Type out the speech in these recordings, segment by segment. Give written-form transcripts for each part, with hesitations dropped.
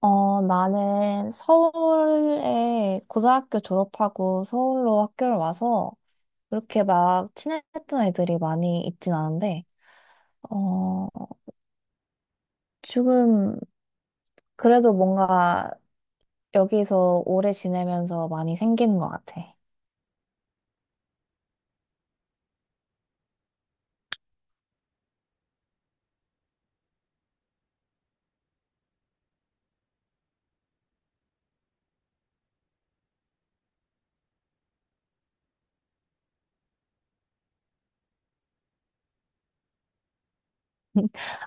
나는 서울에 고등학교 졸업하고 서울로 학교를 와서 그렇게 막 친했던 애들이 많이 있진 않은데, 어, 지금 그래도 뭔가 여기서 오래 지내면서 많이 생기는 것 같아.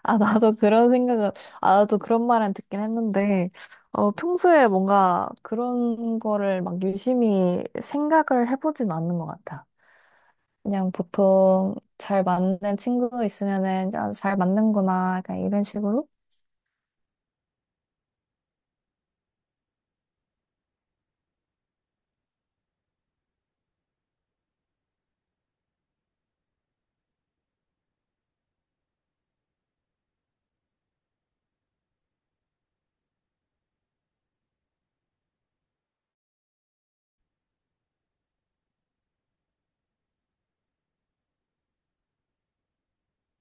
아, 나도 그런 생각은, 아, 나도 그런 말은 듣긴 했는데, 평소에 뭔가 그런 거를 막 유심히 생각을 해보진 않는 것 같아. 그냥 보통 잘 맞는 친구 있으면은 아, 잘 맞는구나 약간 이런 식으로.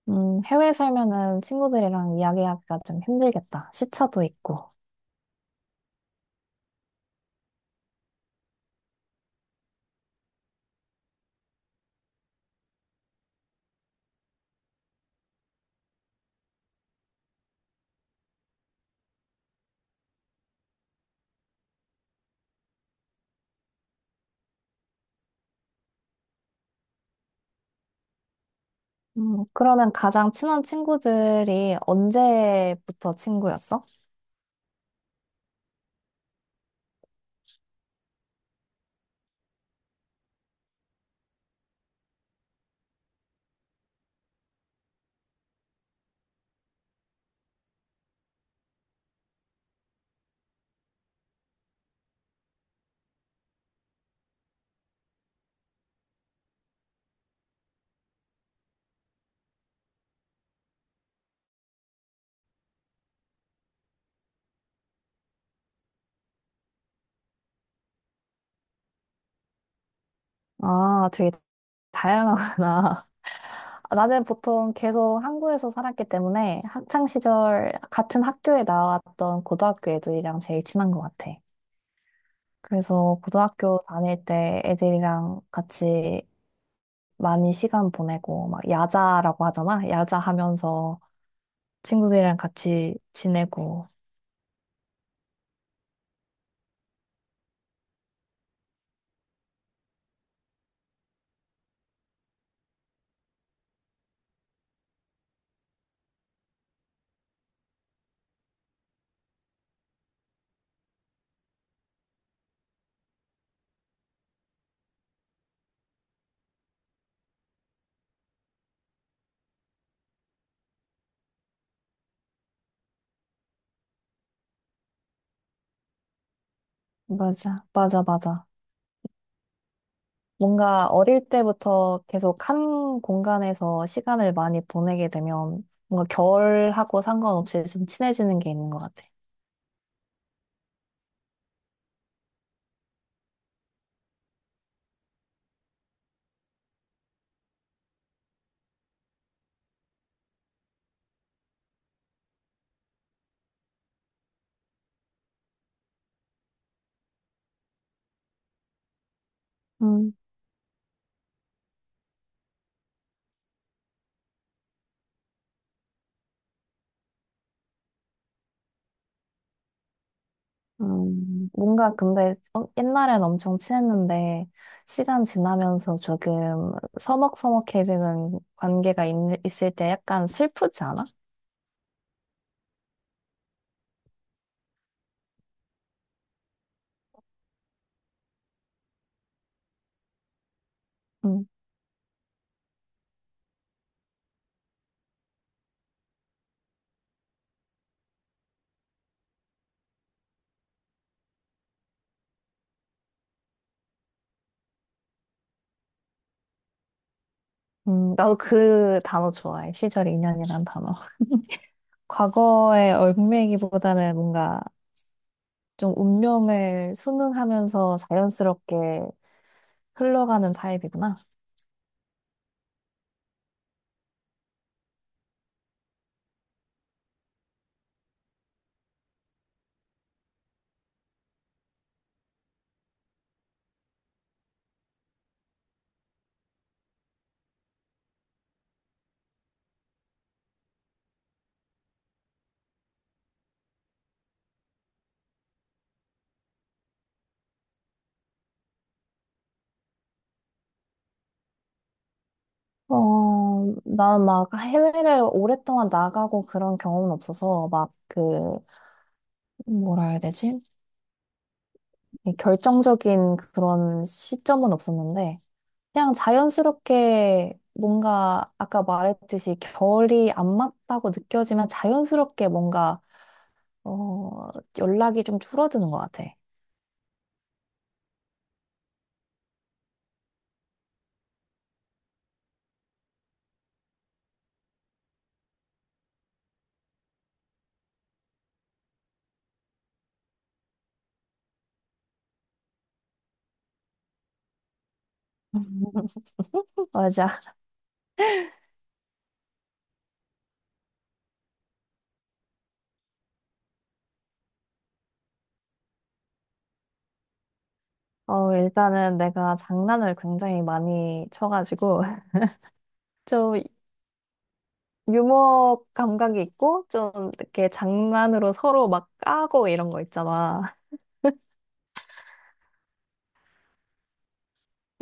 해외 살면은 친구들이랑 이야기하기가 좀 힘들겠다. 시차도 있고. 그러면 가장 친한 친구들이 언제부터 친구였어? 아, 되게 다양하구나. 아, 나는 보통 계속 한국에서 살았기 때문에 학창 시절 같은 학교에 나왔던 고등학교 애들이랑 제일 친한 것 같아. 그래서 고등학교 다닐 때 애들이랑 같이 많이 시간 보내고, 막 야자라고 하잖아? 야자 하면서 친구들이랑 같이 지내고. 맞아, 맞아, 맞아. 뭔가 어릴 때부터 계속 한 공간에서 시간을 많이 보내게 되면 뭔가 결하고 상관없이 좀 친해지는 게 있는 것 같아. 음, 뭔가 근데 옛날엔 엄청 친했는데 시간 지나면서 조금 서먹서먹해지는 관계가 있을 때 약간 슬프지 않아? 음. 나도 그 단어 좋아해. 시절 인연이란 단어. 과거의 얽매이기보다는 뭔가 좀 운명을 순응하면서 자연스럽게 흘러가는 타입이구나. 어, 난 막 해외를 오랫동안 나가고 그런 경험은 없어서 막 그, 뭐라 해야 되지? 이 결정적인 그런 시점은 없었는데 그냥 자연스럽게 뭔가 아까 말했듯이 결이 안 맞다고 느껴지면 자연스럽게 뭔가 어, 연락이 좀 줄어드는 것 같아. 맞아. 어, 일단은 내가 장난을 굉장히 많이 쳐가지고, 좀 유머 감각이 있고, 좀 이렇게 장난으로 서로 막 까고 이런 거 있잖아.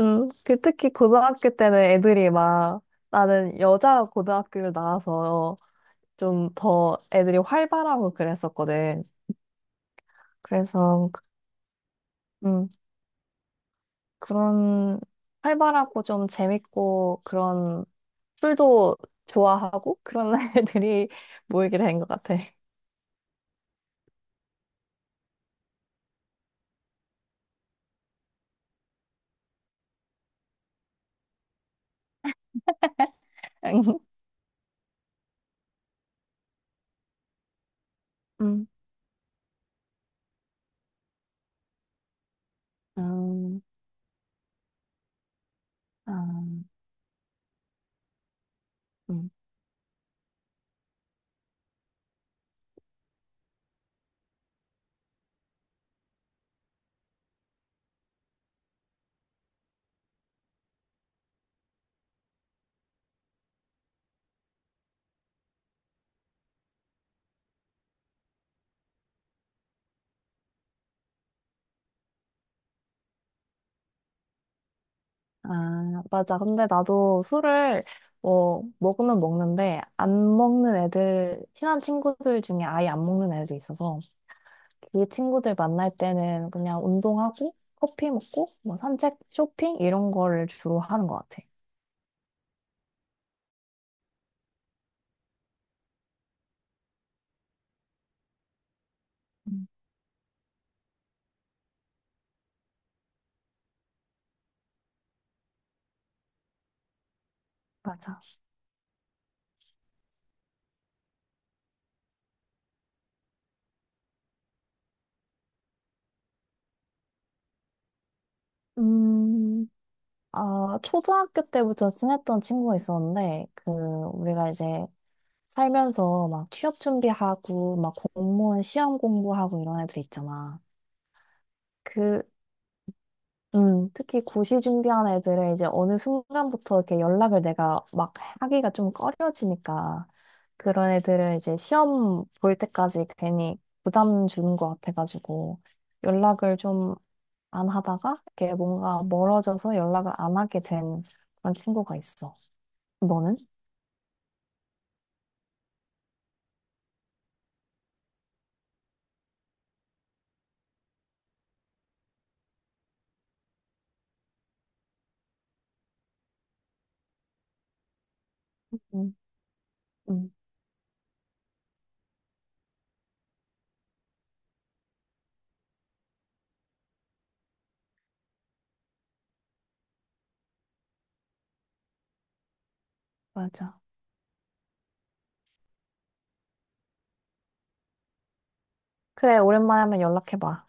그 특히 고등학교 때는 애들이 막, 나는 여자 고등학교를 나와서 좀 더 애들이 활발하고 그랬었거든. 그래서, 음, 그런 활발하고 좀 재밌고 그런 술도 좋아하고 그런 날들이 모이게 된 것 같아. 음. 음, 아, 음. 아, 맞아. 근데 나도 술을 뭐 먹으면 먹는데 안 먹는 애들, 친한 친구들 중에 아예 안 먹는 애도 있어서 그 친구들 만날 때는 그냥 운동하고 커피 먹고 뭐 산책, 쇼핑 이런 거를 주로 하는 것 같아. 음, 맞아. 음. 아, 초등학교 때부터 친했던 친구가 있었는데, 그, 우리가 이제 살면서 막 취업 준비하고, 막 공무원 시험 공부하고 이런 애들 있잖아. 그, 특히 고시 준비하는 애들은 이제 어느 순간부터 이렇게 연락을 내가 막 하기가 좀 꺼려지니까, 그런 애들은 이제 시험 볼 때까지 괜히 부담 주는 것 같아가지고, 연락을 좀 안 하다가, 이렇게 뭔가 멀어져서 연락을 안 하게 된 그런 친구가 있어. 너는? 응, 응, 맞아. 그래, 오랜만에 한번 연락해봐.